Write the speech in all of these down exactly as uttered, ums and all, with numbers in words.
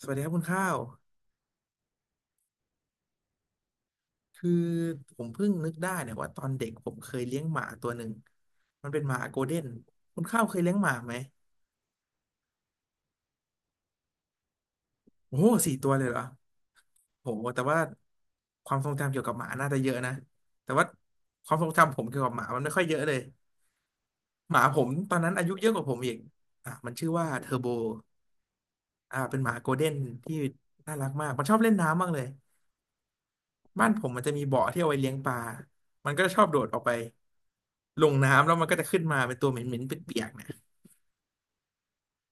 สวัสดีครับคุณข้าวคือผมเพิ่งนึกได้เนี่ยว่าตอนเด็กผมเคยเลี้ยงหมาตัวหนึ่งมันเป็นหมาโกลเด้นคุณข้าวเคยเลี้ยงหมาไหมโอ้โหสี่ตัวเลยเหรอโอหแต่ว่าความทรงจำเกี่ยวกับหมาน่าจะเยอะนะแต่ว่าความทรงจำผมเกี่ยวกับหมามันไม่ค่อยเยอะเลยหมาผมตอนนั้นอายุเยอะกว่าผมอีกอ่ะมันชื่อว่าเทอร์โบอ่าเป็นหมาโกลเด้นที่น่ารักมากมันชอบเล่นน้ำมากเลย บ้านผมมันจะมีบ่อที่เอาไว้เลี้ยงปลามันก็ชอบโดดออกไปลงน้ำแล้วมันก็จะขึ้นมาเป็นตัวเหม็นๆเปียกๆเนี่ย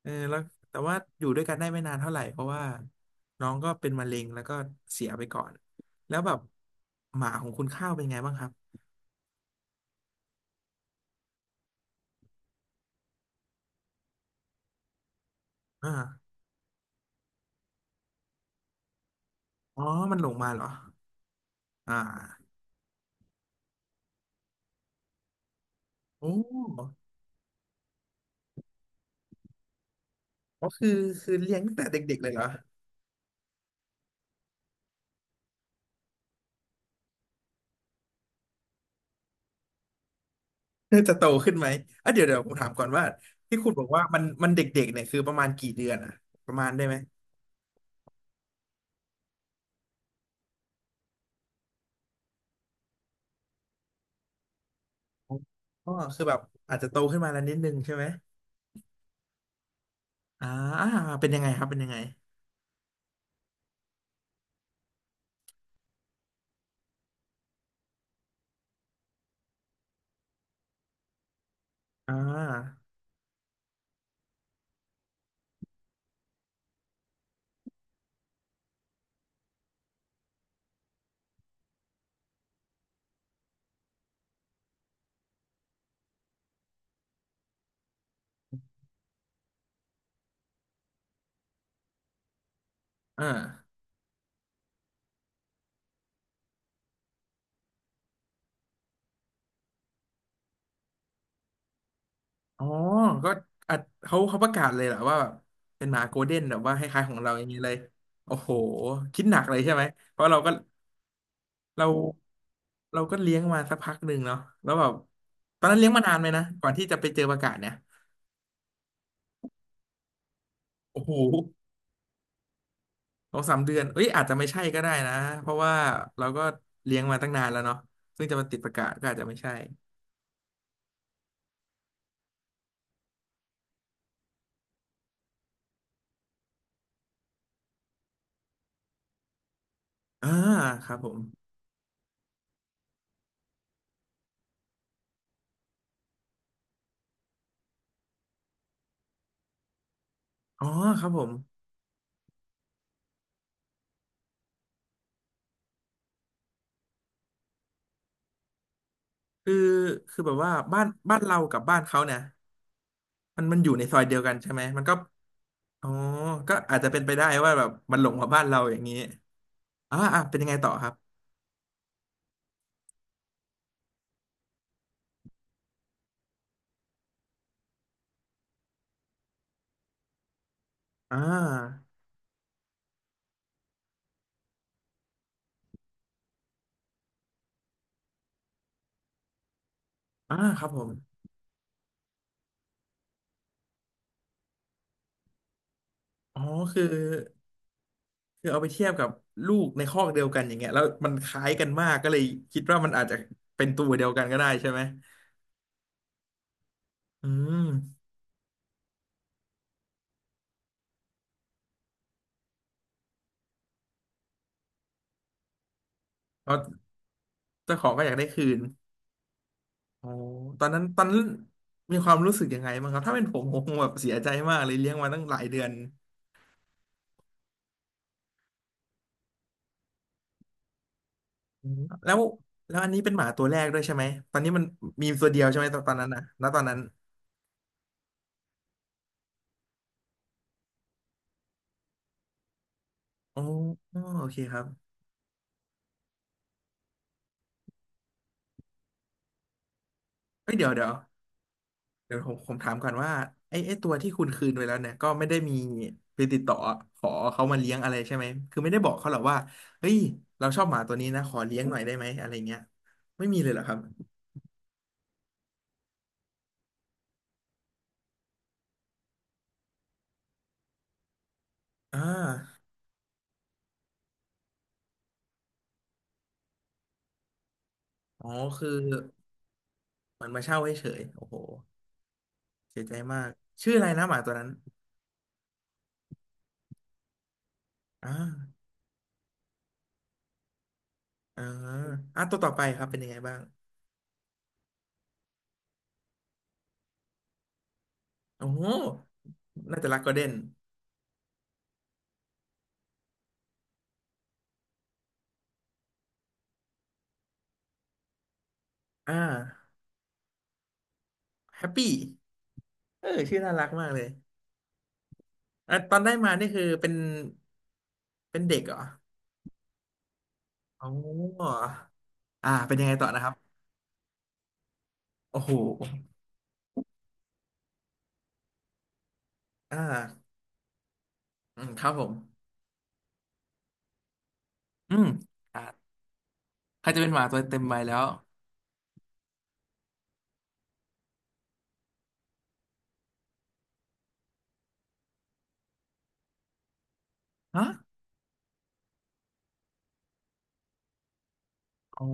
เออแล้วแต่ว่าอยู่ด้วยกันได้ไม่นานเท่าไหร่เพราะว่าน้องก็เป็นมะเร็งแล้วก็เสียไปก่อน แล้วแบบหมาของคุณข้าวเป็นไงบ้างครับอ่าอ๋อมันหลงมาเหรออ่าโอ้ก็คือคือเลี้ยงตั้งแต่เด็กๆเลยเหรอ จะโตขึ้นไหมอ่ะเดี๋ยวเดี๋ยวผมถามก่อนว่าที่คุณบอกว่ามันมันเด็กๆเนี่ยคือประมาณกี่เดือนอะประมาณได้ไหม อ๋อคือแบบอาจจะโตขึ้นมาแล้วนิดนึงใช่ไหมอ่าเป็นยังไงครับเป็นยังไงอ่าอ่าอ๋อก็อ่ะเขาเขาประกาศเลยเหรอว่าแบบเป็นหมาโกลเด้นแบบว่าคล้ายๆของเราอย่างนี้เลยโอ้โหคิดหนักเลยใช่ไหมเพราะเราก็เราเราก็เลี้ยงมาสักพักหนึ่งเนาะแล้วแบบตอนนั้นเลี้ยงมานานไหมนะก่อนที่จะไปเจอประกาศเนี่ยโอ้โหสองสามเดือนเอ้ยอาจจะไม่ใช่ก็ได้นะเพราะว่าเราก็เลี้ยงมาตั้งนานแล้วเนาะซึ่งจะมาติดประกาศก็อาจจะไม่ใช่ อ่าครับผมอ๋อครับผมคือคือแบบว่าบ้านบ้านเรากับบ้านเขาเนี่ยมันมันอยู่ในซอยเดียวกันใช่ไหมมันก็อ๋อก็อาจจะเป็นไปได้ว่าแบบมันหลงมาบ้านเราอย่างนี้อ่าอ่าเป็นยังไงต่อครับอ่าอ่าครับผมอ๋อคือคือเอาไปเทียบกับลูกในคอกเดียวกันอย่างเงี้ยแล้วมันคล้ายกันมากก็เลยคิดว่ามันอาจจะเป็นตัวเดียวกันก็ได้ใช่ไหมอืมเพราะเจ้าของก็อยากได้คืน โอ้ตอนนั้นตอนนั้นมีความรู้สึกยังไงบ้างครับถ้าเป็นผมผมคงแบบเสียใจมากเลยเลี้ยงมาตั้งหลายเดือนอืมแล้วแล้วอันนี้เป็นหมาตัวแรกด้วยใช่ไหม ตอนนี้มันมีตัวเดียวใช่ไหมตอนตอนนั้นนะณตอนนั้นอ๋อโอเคครับเอ้ยเดี๋ยวเดี๋ยวเดี๋ยวผมผมถามก่อนว่าไอ้ไอ้ตัวที่คุณคืนไปแล้วเนี่ยก็ไม่ได้มีไปติดต่อขอเขามาเลี้ยงอะไรใช่ไหมคือไม่ได้บอกเขาหรอกว่าเฮ้ยเราชอบหมาตัวนี้นะขอเลี้ยงหน่อยได้ไหมอะไรเงี้ยไม่มีเลยเหรอครับอ่าอ๋อคือเหมือนมาเช่าเฉยๆโอ้โห เสียใจมากชื่ออะไรนะหมาตัวนั้นอ่าเอออ่ะตัวต่อไปครับเป็นยังไงบ้างโอ้โหน่าจะรักโกลเด้นอ่าแฮปปี้เออชื่อน่ารักมากเลยอ่ะตอนได้มานี่คือเป็นเป็นเด็กเหรออ๋ออ่าเป็นยังไงต่อนะครับโอ้โหอ่าอืมครับผมอืมอ่าใครจะเป็นหมาตัวเต็มใบแล้วฮะอ๋อ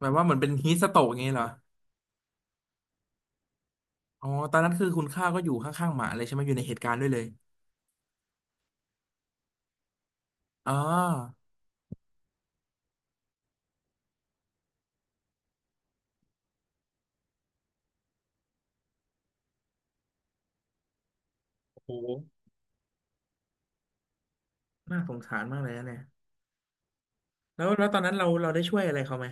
แบบว่าเหมือนเป็นฮีทสโตรกอย่างงี้เหรออ๋อตอนนั้นคือคุณข้าก็อยู่ข้างๆหมาเลยใช่ไหมอยู่ในเหตุการณ์ด้วยเลยอ๋อ โหน่าสงสารมากเลยนะเนี่ยแล้วแล้วตอนนั้นเราเราได้ช่วยอะไรเขาไหม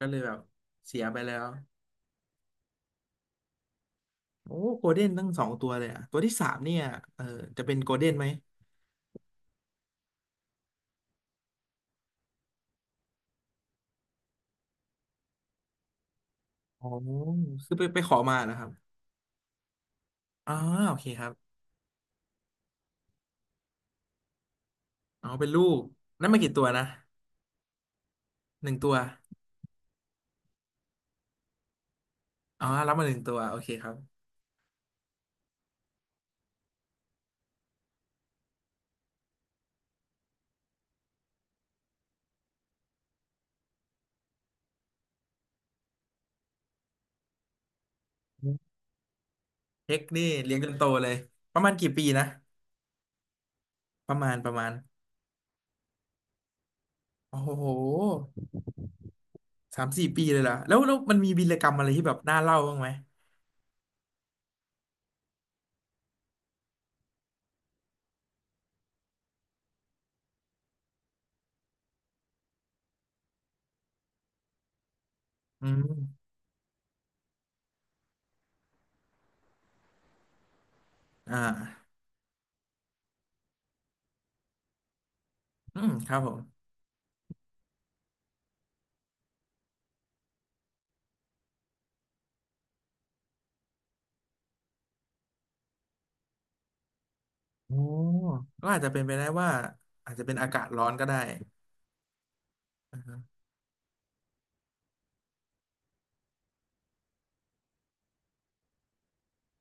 ก็เลยแบบเสียไปแล้วโอ้โกลเด้นตั้งสองตัวเลยอ่ะตัวที่สามเนี่ยเออจะเป็นโกลเด้นไหมอ๋อคือไปไปขอมานะครับอ๋อโอเคครับอ๋อเป็นลูกนั่นมากี่ตัวนะหนึ่งตัวอ๋อรับมาหนึ่งตัวโอเคครับเฮกนี่เลี้ยงจนโตเลยประมาณกี่ปีนะประมาณประมาณโอ้โหสามสี่ปีเลยล่ะแล้วแล้วมันมีวีรกรรมอะไรที่แบบน่าเล่าบ้างไหมอืมอ่าอืมครับผม อ๋อก็อาจจะเป็นไปได้ว่าอาจจะเป็นอากาศร้อนก็ได้อ่าฮะ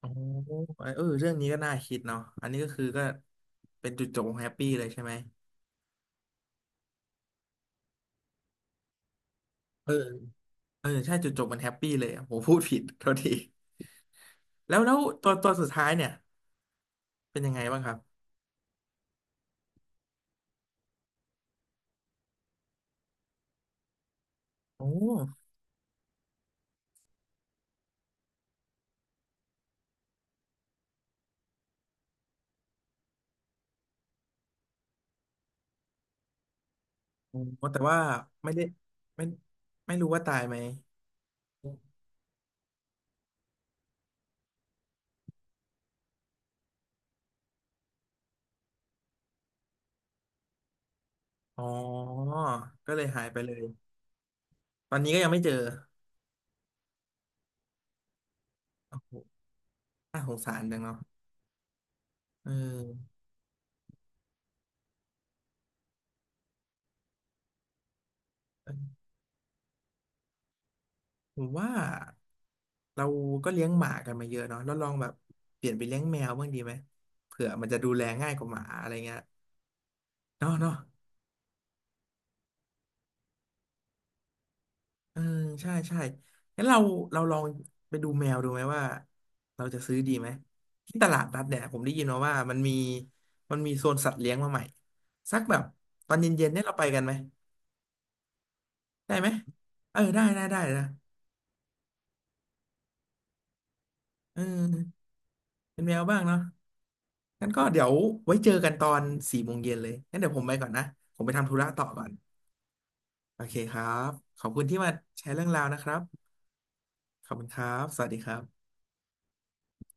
อ๋อเออเรื่องนี้ก็น่าคิดเนาะอันนี้ก็คือก็เป็นจุดจบของแฮปปี้เลยใช่ไหมเออเออใช่จุดจบมันแฮปปี้เลยผมพูดผิดโทษทีแล้วแล้วตัวตัวสุดท้ายเนี่ยเป็นยังไงบ้างครับโอ้โอ้แต่ว่าไม่ได้ไม่ไม่รู้ว่าตายไหมอ๋อก็เลยหายไปเลยตอนนี้ก็ยังไม่เจอโอ้โหน่าสงสารจังเนาะเออผมว่า เราก็เลี้ยงหมากันมาเยอะเนาะแล้วลองแบบเปลี่ยนไปเลี้ยงแมวบ้างดีไหมเผื่อมันจะดูแลง่ายกว่าหมาอะไรเงี้ยเนาะเนาะเออใช่ใช่งั้นเราเราลองไปดูแมวดูไหมว่าเราจะซื้อดีไหมที่ตลาดนัดเนี่ยผมได้ยินมาว่ามันมีมันมีโซนสัตว์เลี้ยงมาใหม่สักแบบตอนเย็นๆเนี่ยเราไปกันไหมได้ไหมเออได้ได้ได้นะเออเป็นแมวบ้างเนาะงั้นก็เดี๋ยวไว้เจอกันตอนสี่โมงเย็นเลยงั้นเดี๋ยวผมไปก่อนนะผมไปทำธุระต่อก่อน โอเคครับ ขอบคุณที่มาแชร์เรื่องราวนะครับ ขอบคุณครับ สวัสดีครับ